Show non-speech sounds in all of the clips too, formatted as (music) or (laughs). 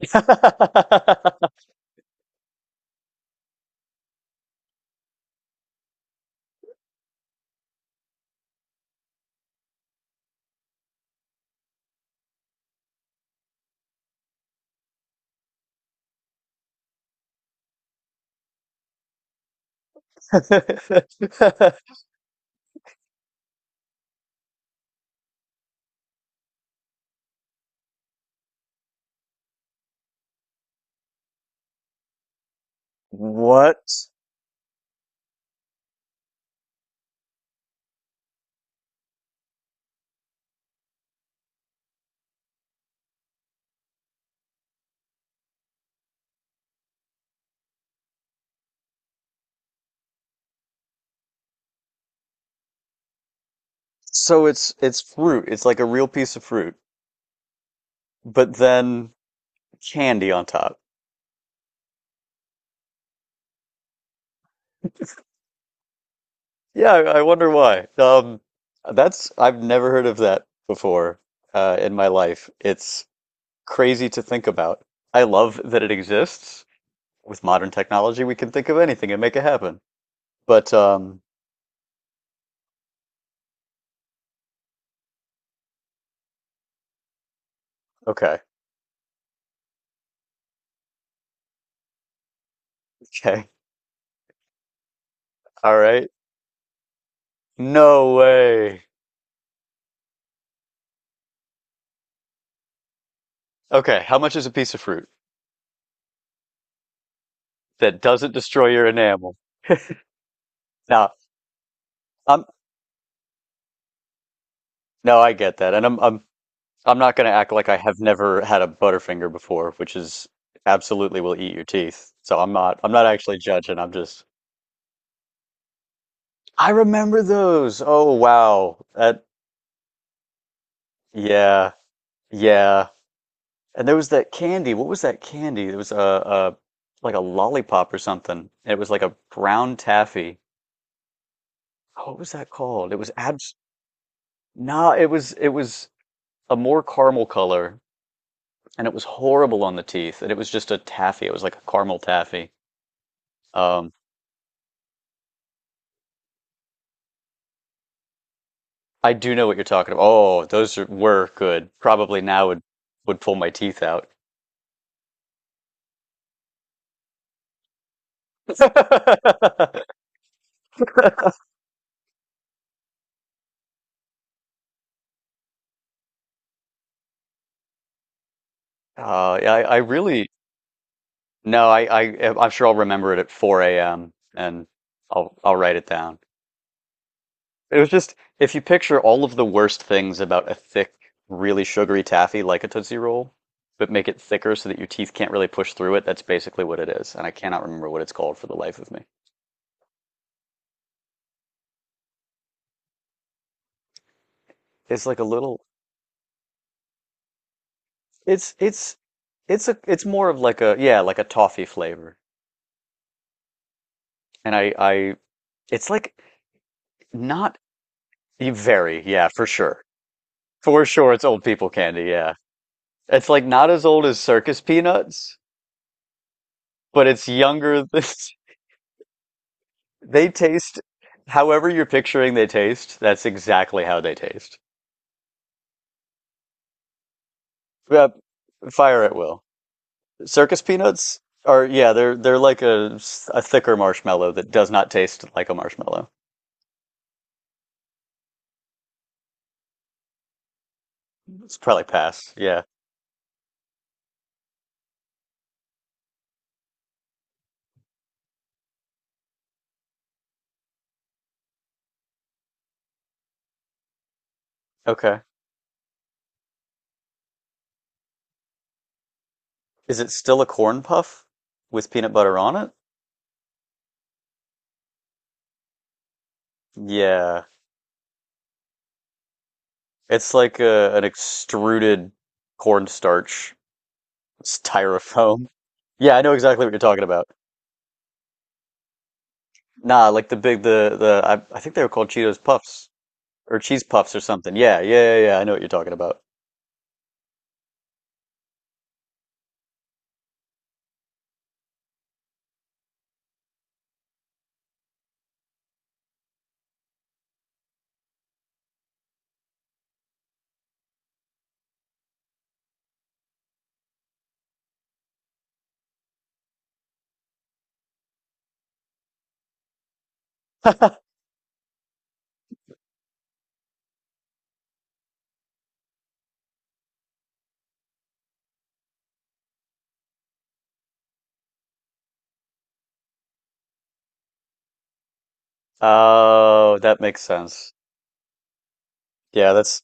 (laughs) What? So it's fruit. It's like a real piece of fruit, but then candy on top. Yeah, I wonder why. That's I've never heard of that before in my life. It's crazy to think about. I love that it exists. With modern technology, we can think of anything and make it happen. But okay, (laughs) okay, all right. No way. Okay, how much is a piece of fruit that doesn't destroy your enamel? Now, I'm no, I get that, and I'm not going to act like I have never had a Butterfinger before, which is absolutely will eat your teeth. So I'm not actually judging. I remember those. Oh, wow. that Yeah, yeah. And there was that candy. What was that candy? It was a like a lollipop or something. It was like a brown taffy. What was that called? It was abs. Nah, it was a more caramel color, and it was horrible on the teeth. And it was just a taffy. It was like a caramel taffy. Um, I do know what you're talking about. Oh, were good. Probably now would pull my teeth out. (laughs) Yeah, I really no, I I'm sure I'll remember it at 4 a.m., and I'll write it down. It was just if you picture all of the worst things about a thick, really sugary taffy like a Tootsie Roll, but make it thicker so that your teeth can't really push through it, that's basically what it is. And I cannot remember what it's called for the life of me. It's like a little. It's it's it's more of like a like a toffee flavor, and I it's like not very yeah, for sure, it's old people candy, yeah. It's like not as old as circus peanuts, but it's (laughs) They taste however you're picturing they taste. That's exactly how they taste. Uh, Fire at will. Circus peanuts are, yeah, they're like a thicker marshmallow that does not taste like a marshmallow. It's probably pass. Yeah. Okay. Is it still a corn puff with peanut butter on it? Yeah. It's like an extruded cornstarch styrofoam. Yeah, I know exactly what you're talking about. Nah, like the big the I think they were called Cheetos Puffs or Cheese Puffs or something. Yeah, yeah, yeah, yeah. I know what you're talking about. (laughs) Oh, that makes sense. Yeah,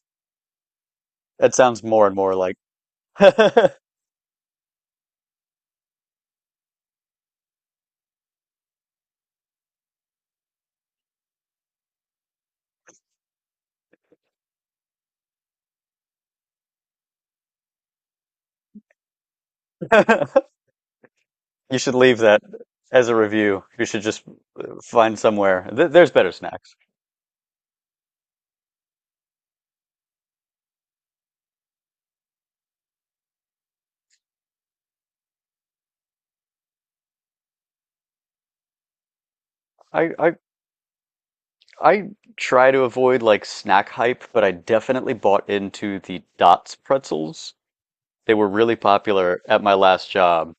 that sounds more and more like (laughs) you should leave that as a review. You should just find somewhere. Th There's better snacks. I, I I try to avoid like snack hype, but I definitely bought into the Dots pretzels. They were really popular at my last job.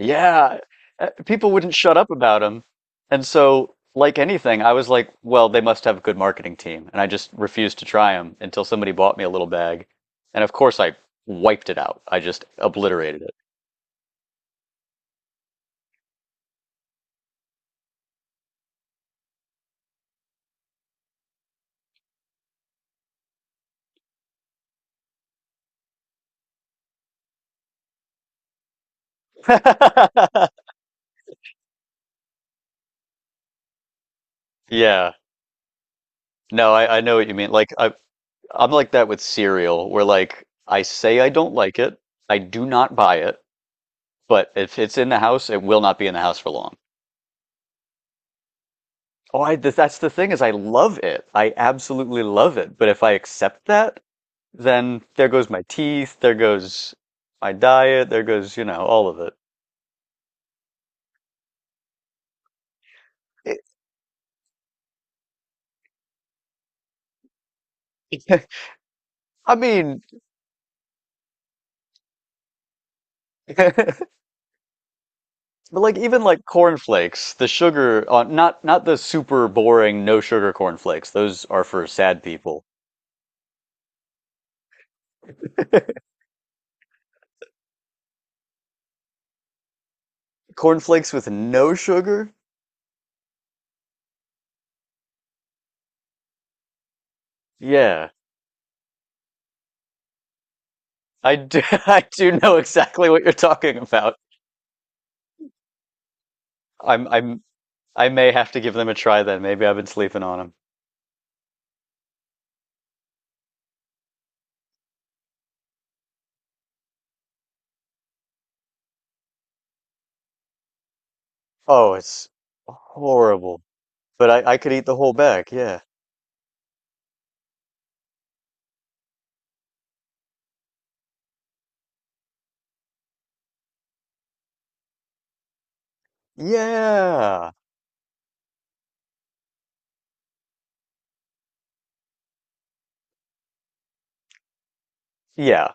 Yeah, people wouldn't shut up about them. And so, like anything, I was like, well, they must have a good marketing team. And I just refused to try them until somebody bought me a little bag. And of course, I wiped it out. I just obliterated it. (laughs) Yeah. No, I know what you mean. Like I'm like that with cereal, where like I say I don't like it, I do not buy it, but if it's in the house, it will not be in the house for long. Oh, that's the thing, is I love it. I absolutely love it. But if I accept that, then there goes my teeth, there goes my diet, there goes, you know, all of it. It- (laughs) I mean, (laughs) but like even like cornflakes, the sugar on not the super boring no sugar cornflakes. Those are for sad people. (laughs) Cornflakes with no sugar? Yeah, I do. (laughs) I do know exactly what you're talking about. I'm. I'm. I may have to give them a try then. Maybe I've been sleeping on them. Oh, it's horrible. But I. I could eat the whole bag. Yeah. Yeah. Yeah.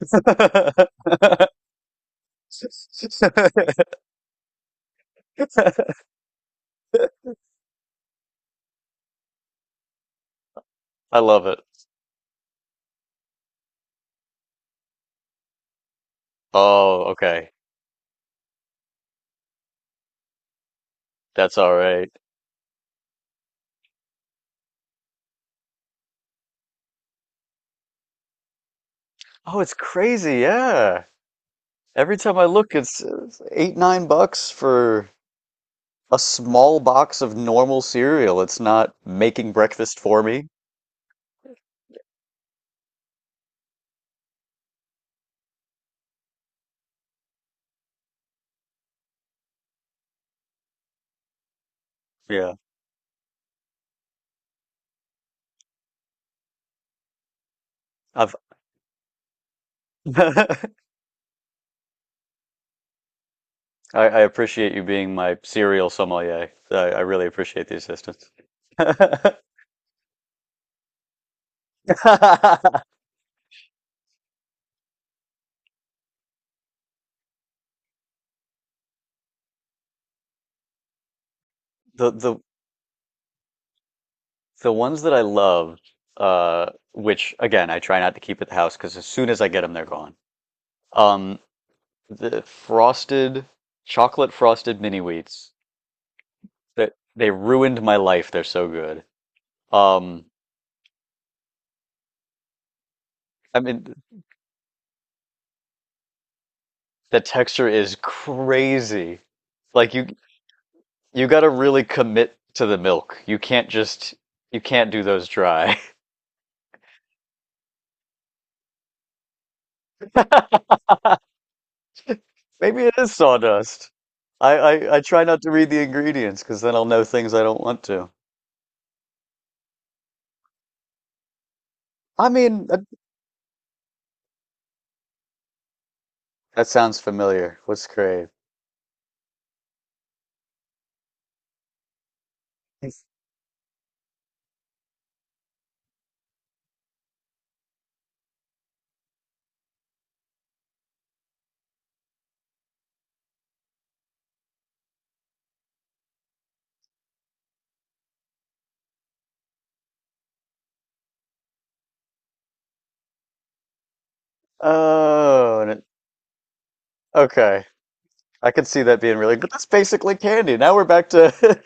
(laughs) I love it. Oh, okay. That's all right. Oh, it's crazy. Yeah. Every time I look, it's $8-9 for a small box of normal cereal. It's not making breakfast for me. Yeah. I've (laughs) I, I appreciate you being my cereal sommelier. I really appreciate the assistance. (laughs) The the the ones that I loved, which again I try not to keep at the house because as soon as I get them, they're gone. Um, the frosted chocolate frosted mini wheats that they ruined my life. They're so good. Um, I mean, the texture is crazy. Like you got to really commit to the milk. You can't just you can't do those dry. (laughs) Maybe it is sawdust. I try not to read the ingredients because then I'll know things I don't want to. I mean, that sounds familiar. What's crave? (laughs) Oh, okay. I can see that being really, but that's basically candy. Now we're back to (laughs)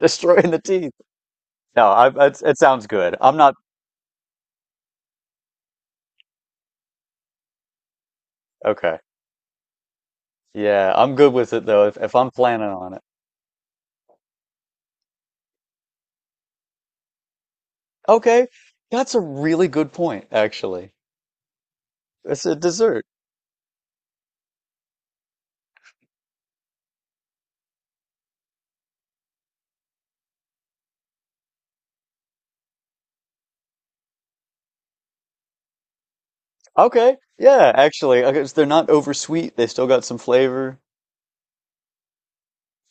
destroying the teeth. No, it sounds good. I'm not Okay. Yeah, I'm good with it though. If I'm planning on it. Okay, that's a really good point, actually. It's a dessert. Okay, yeah, actually, okay, so they're not oversweet. They still got some flavor.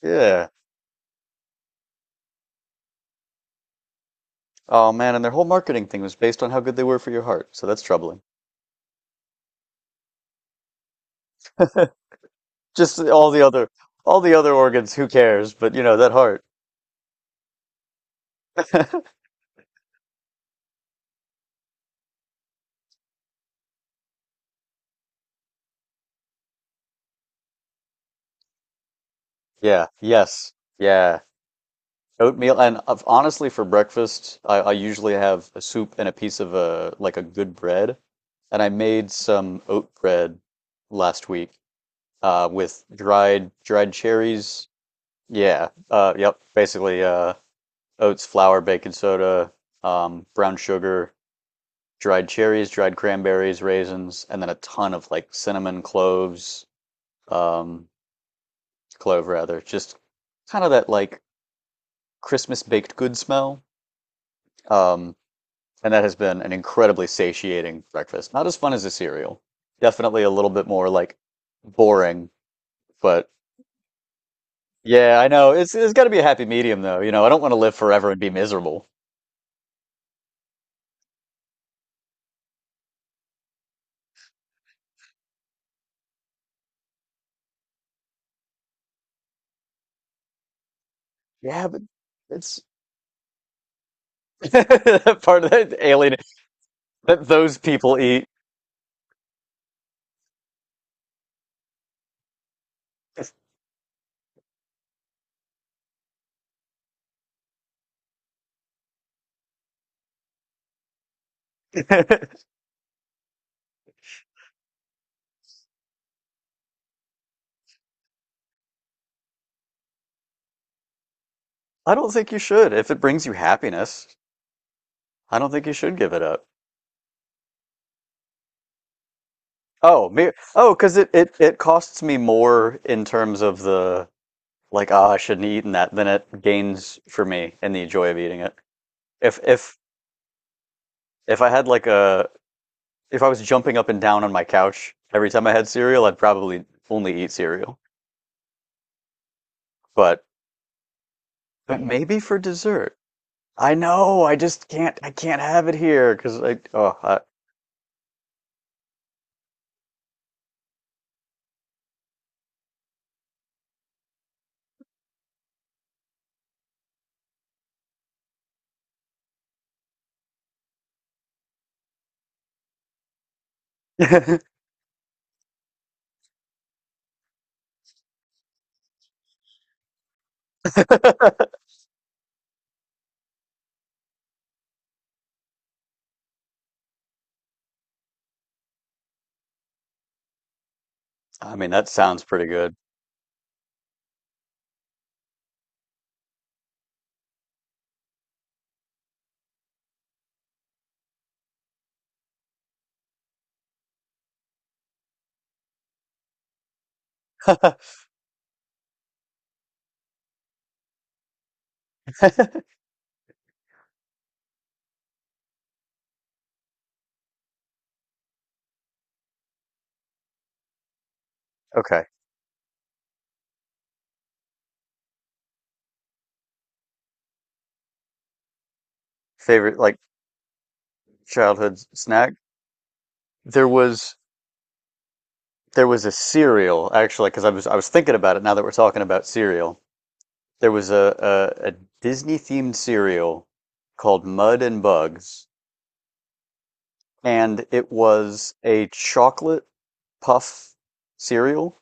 Yeah. Oh man, and their whole marketing thing was based on how good they were for your heart, so that's troubling. Just all the other organs, who cares? But you know, that heart. Yeah. Yes. Yeah. Oatmeal, and honestly, for breakfast, I usually have a soup and a piece of a like a good bread, and I made some oat bread last week, with dried cherries. Yeah. Yep. Basically, oats, flour, baking soda, brown sugar, dried cherries, dried cranberries, raisins, and then a ton of like cinnamon cloves, um, clove rather, just kind of that like Christmas baked good smell. Um, and that has been an incredibly satiating breakfast. Not as fun as a cereal. Definitely a little bit more like boring, but yeah, I know. It's got to be a happy medium, though. You know, I don't want to live forever and be miserable. Yeah, but it's (laughs) that part of that alien that those people eat. (laughs) I don't think you should. If it brings you happiness, I don't think you should give it up. Oh, me. Oh, because it costs me more in terms of the, like, ah, I shouldn't have eaten that than it gains for me in the joy of eating it. If if if I had like a if I was jumping up and down on my couch every time I had cereal, I'd probably only eat cereal. But But maybe for dessert. I know. I just can't. I can't have it here because I. Oh, (laughs) I mean that sounds pretty good. (laughs) Okay. Favorite like childhood snack? There was a cereal, actually, because I was thinking about it now that we're talking about cereal. There was a Disney themed cereal called Mud and Bugs, and it was a chocolate puff cereal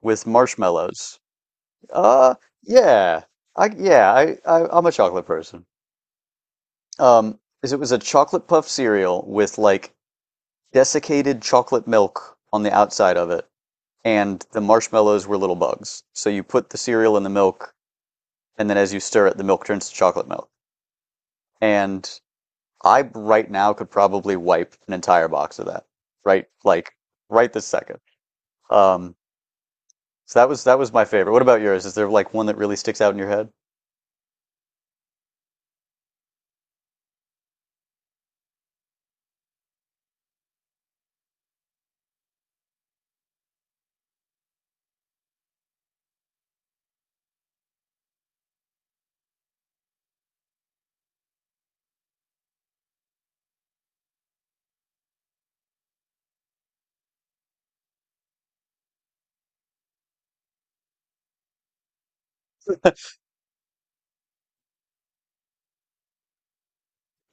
with marshmallows. Uh, yeah. I Yeah, I'm a chocolate person. Is It was a chocolate puff cereal with like desiccated chocolate milk on the outside of it, and the marshmallows were little bugs. So you put the cereal in the milk, and then as you stir it, the milk turns to chocolate milk. And I right now could probably wipe an entire box of that. Right, like right this second. Um, so that was my favorite. What about yours? Is there like one that really sticks out in your head?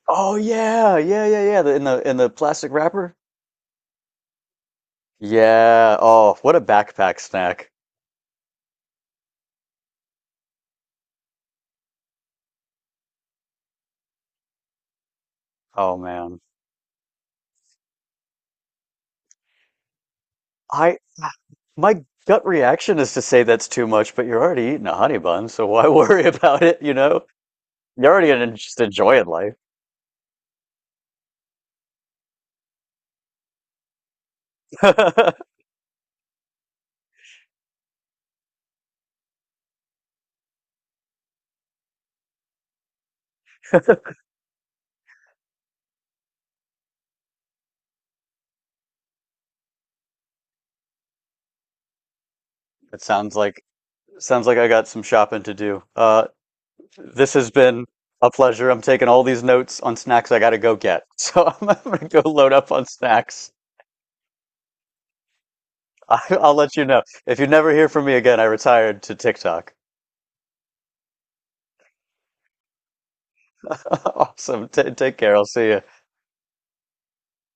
Oh, yeah, yeah, yeah, yeah. The, in the In the plastic wrapper. Yeah. Oh, what a backpack snack. Oh, man. I My gut reaction is to say that's too much, but you're already eating a honey bun, so why (laughs) worry about it, you know? You're already gonna just enjoying life. (laughs) It sounds like Sounds like I got some shopping to do. This has been a pleasure. I'm taking all these notes on snacks I gotta go get. (laughs) So I'm gonna go load up on snacks. I'll let you know. If you never hear from me again, I retired to TikTok. (laughs) Awesome. T Take care. I'll see you.